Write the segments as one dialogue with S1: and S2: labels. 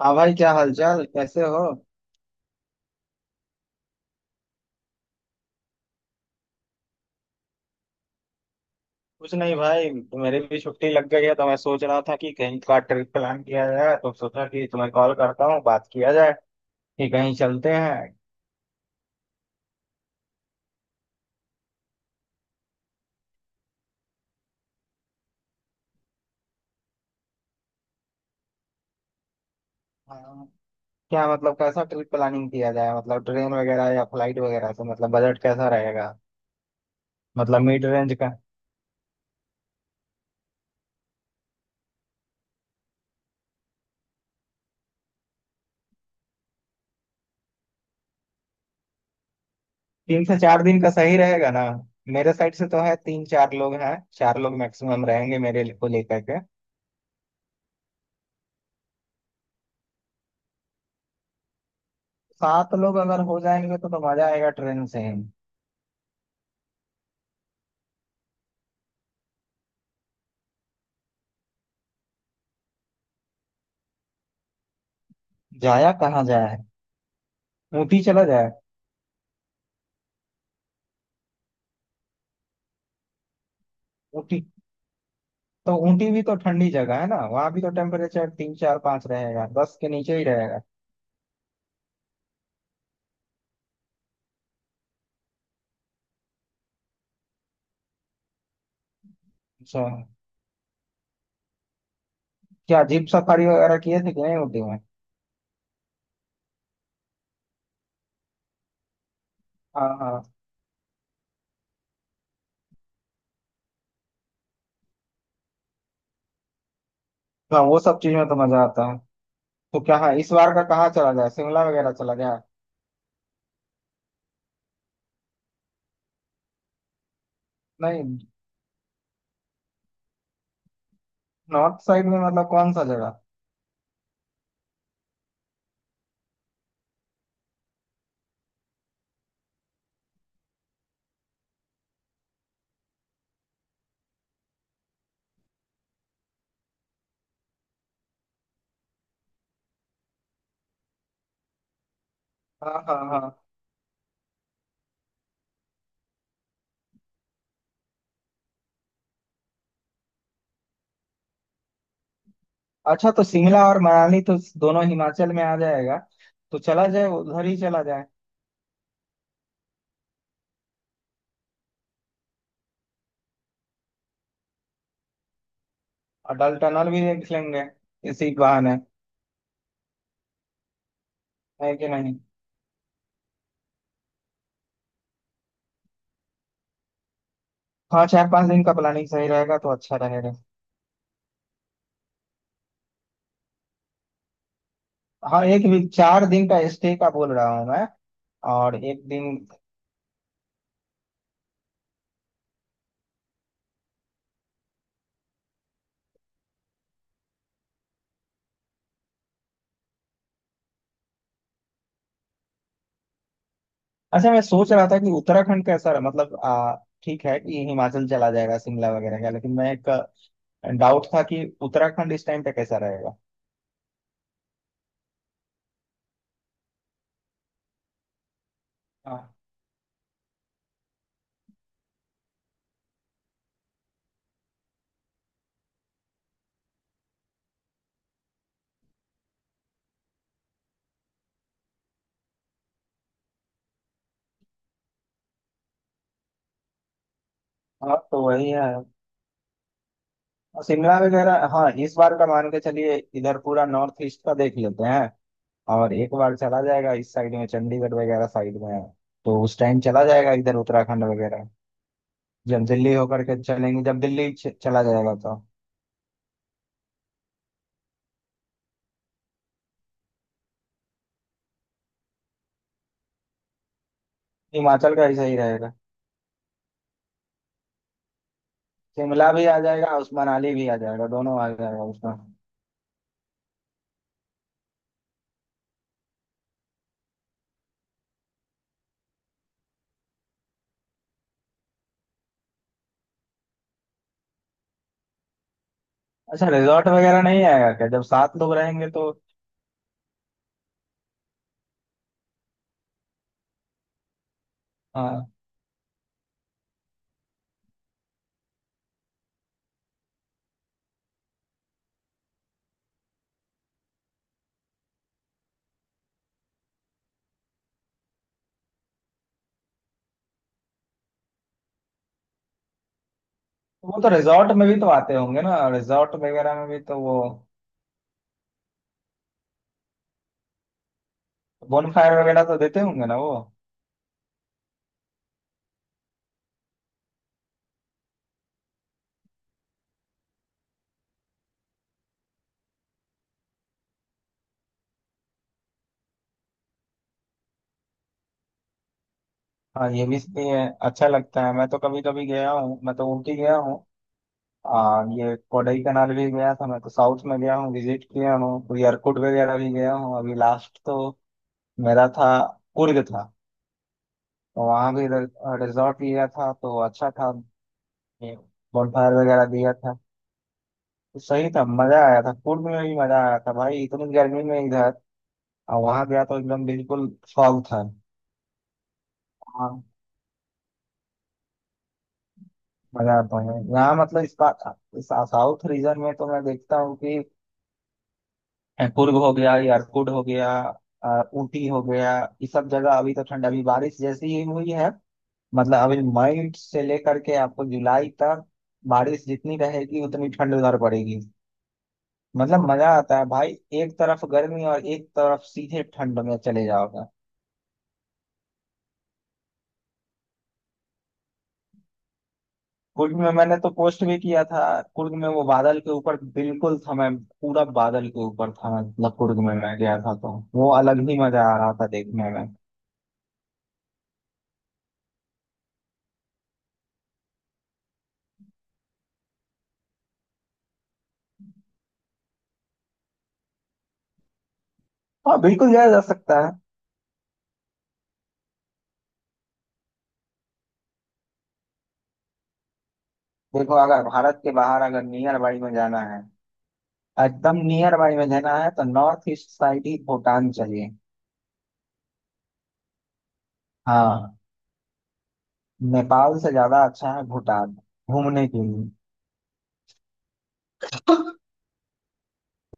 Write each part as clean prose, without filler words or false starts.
S1: हाँ भाई, क्या हालचाल, कैसे हो? कुछ नहीं भाई, मेरी भी छुट्टी लग गई है तो मैं सोच रहा था कि कहीं का ट्रिप प्लान किया जाए, तो सोचा कि तुम्हें कॉल करता हूँ, बात किया जाए कि कहीं चलते हैं। हाँ, क्या मतलब कैसा ट्रिप प्लानिंग किया जाए? मतलब ट्रेन वगैरह या फ्लाइट वगैरह से? मतलब बजट कैसा रहेगा? मतलब मिड रेंज का। तीन से चार दिन का सही रहेगा ना। मेरे साइड से तो है, तीन चार लोग हैं, चार लोग मैक्सिमम रहेंगे मेरे को लेकर के। सात लोग अगर हो जाएंगे तो मजा आएगा ट्रेन से ही। जाया कहाँ जाए? ऊटी चला जाए। ऊटी तो ऊटी भी तो ठंडी जगह है ना, वहां भी तो टेम्परेचर तीन चार पाँच रहेगा, दस के नीचे ही रहेगा। अच्छा, क्या जीप सफारी वगैरह किए थे कि नहीं ऊटी में? हाँ हाँ हाँ, वो सब चीज में तो मजा आता है। तो क्या, हाँ, इस बार का कहाँ चला जाए, शिमला वगैरह चला जाए? नहीं, नॉर्थ साइड में मतलब कौन सा जगह? हाँ हाँ हाँ, अच्छा, तो शिमला और मनाली तो दोनों हिमाचल में आ जाएगा, तो चला जाए उधर ही चला जाए। और डल टनल भी देख लेंगे इसी बहाने, है कि नहीं? हाँ, चार पांच दिन का प्लानिंग सही रहेगा तो अच्छा रहेगा। हाँ, एक वीक, चार दिन का स्टे का बोल रहा हूँ मैं, और एक दिन। अच्छा, मैं सोच रहा था कि उत्तराखंड कैसा रहा, मतलब ठीक है कि हिमाचल चला जाएगा शिमला वगैरह का, लेकिन मैं एक डाउट था कि उत्तराखंड इस टाइम पे कैसा रहेगा। हाँ, हाँ, तो वही है। और शिमला वगैरह हाँ, इस बार का मान के चलिए इधर पूरा नॉर्थ ईस्ट का देख लेते हैं, और एक बार चला जाएगा इस साइड में, चंडीगढ़ वगैरह साइड में, तो उस टाइम चला जाएगा इधर उत्तराखंड वगैरह। जब दिल्ली होकर के चलेंगे, जब दिल्ली चला जाएगा तो। हिमाचल का ऐसा ही रहेगा। शिमला भी आ जाएगा, उस मनाली भी आ जाएगा, दोनों आ जाएगा उसमें। अच्छा, रिजॉर्ट वगैरह नहीं आएगा क्या जब सात लोग रहेंगे तो? हाँ, तो वो तो रिजॉर्ट में भी तो आते होंगे ना, रिजॉर्ट वगैरह में भी तो वो बोनफायर वगैरह तो देते होंगे ना वो? हाँ, ये भी, ये अच्छा लगता है। मैं तो कभी कभी गया हूँ, मैं तो ऊटी गया हूँ, ये कोडई कनाल भी गया था, मैं तो साउथ में गया हूँ, विजिट किया हूँ, कोई एयरकूट वगैरह भी गया हूँ। अभी लास्ट तो मेरा था कुर्ग था, तो वहाँ भी रिजॉर्ट लिया था तो अच्छा था, बॉनफायर वगैरह दिया था, तो सही था, मजा आया था कुर्ग में भी, मजा आया था भाई इतनी गर्मी में इधर, और वहाँ गया तो एकदम बिल्कुल फॉग था। हाँ, मजा आता है यहाँ, मतलब इस बात, इस साउथ रीजन में तो मैं देखता हूँ कि कुर्ग हो गया, यारकुट हो गया, ऊटी हो गया, ये सब जगह अभी तो ठंड, अभी बारिश जैसी ही हुई है। मतलब अभी मई से लेकर के आपको जुलाई तक बारिश जितनी रहेगी उतनी ठंड उधर पड़ेगी। मतलब मजा आता है भाई, एक तरफ गर्मी और एक तरफ सीधे ठंड में चले जाओगे। कुर्ग में मैंने तो पोस्ट भी किया था, कुर्ग में वो बादल के ऊपर बिल्कुल था मैं, पूरा बादल के ऊपर था, मतलब कुर्ग में मैं गया था तो वो अलग ही मजा आ रहा था देखने में। हाँ बिल्कुल जाया जा सकता है। देखो, अगर भारत के बाहर अगर नियर बाई में जाना है, एकदम नियर बाई में जाना है, तो नॉर्थ ईस्ट साइड ही, भूटान चलिए। हाँ, नेपाल से ज्यादा अच्छा है भूटान घूमने के लिए।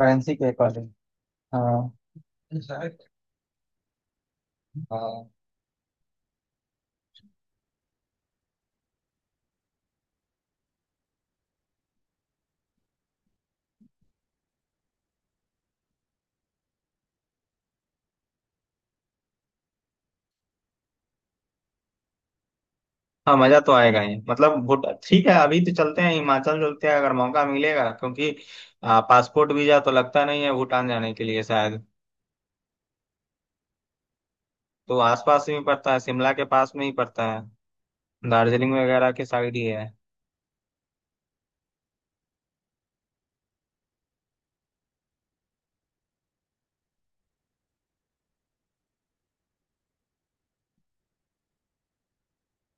S1: करेंसी के अकॉर्डिंग। हाँ, हाँ, हाँ, मजा तो आएगा ही, मतलब भूट ठीक है अभी तो चलते हैं, हिमाचल चलते हैं, अगर मौका मिलेगा क्योंकि पासपोर्ट वीजा तो लगता नहीं है भूटान जाने के लिए शायद, तो आसपास ही पड़ता है, शिमला के पास में ही पड़ता है, दार्जिलिंग वगैरह के साइड ही है।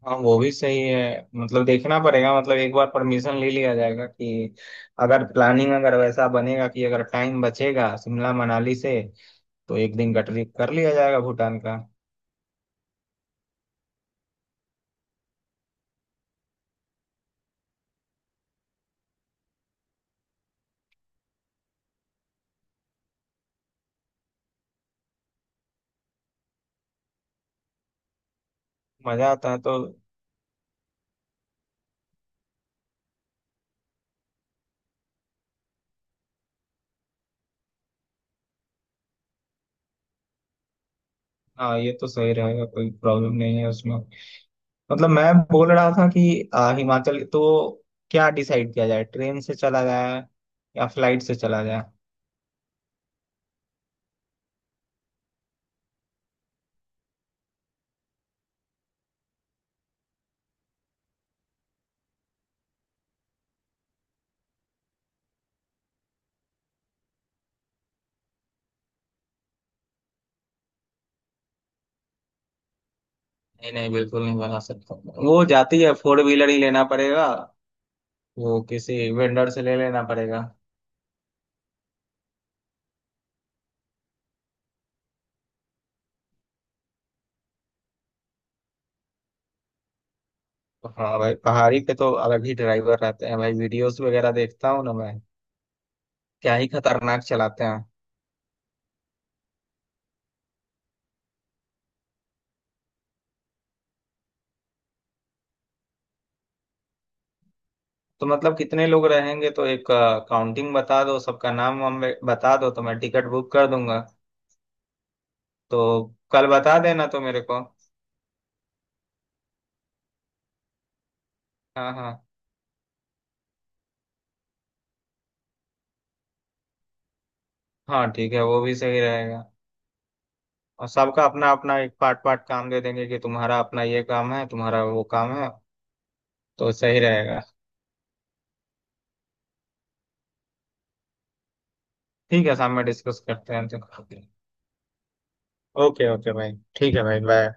S1: हाँ, वो भी सही है, मतलब देखना पड़ेगा, मतलब एक बार परमिशन ले लिया जाएगा कि अगर प्लानिंग अगर वैसा बनेगा कि अगर टाइम बचेगा शिमला मनाली से तो एक दिन गटरी कर लिया जाएगा भूटान का। मजा आता है तो। हाँ ये तो सही रहेगा, कोई प्रॉब्लम नहीं है उसमें। मतलब मैं बोल रहा था कि हिमाचल तो क्या डिसाइड किया जाए, ट्रेन से चला जाए या फ्लाइट से चला जाए? नहीं नहीं, बिल्कुल नहीं बना सकता। वो जाती है, फोर व्हीलर ही लेना पड़ेगा, वो किसी वेंडर से ले लेना पड़ेगा। हाँ भाई, पहाड़ी पे तो अलग ही ड्राइवर रहते हैं भाई, वीडियोस वगैरह देखता हूँ ना मैं, क्या ही खतरनाक चलाते हैं। तो मतलब कितने लोग रहेंगे तो एक काउंटिंग बता दो, सबका नाम हम बता दो तो मैं टिकट बुक कर दूंगा। तो कल बता देना तो मेरे को। हाँ हाँ हाँ, ठीक है, वो भी सही रहेगा। और सबका अपना अपना एक पार्ट पार्ट काम दे देंगे कि तुम्हारा अपना ये काम है, तुम्हारा वो काम है, तो सही रहेगा। ठीक है, शाम में डिस्कस करते हैं तो। ओके, ओके भाई, ठीक है भाई, बाय।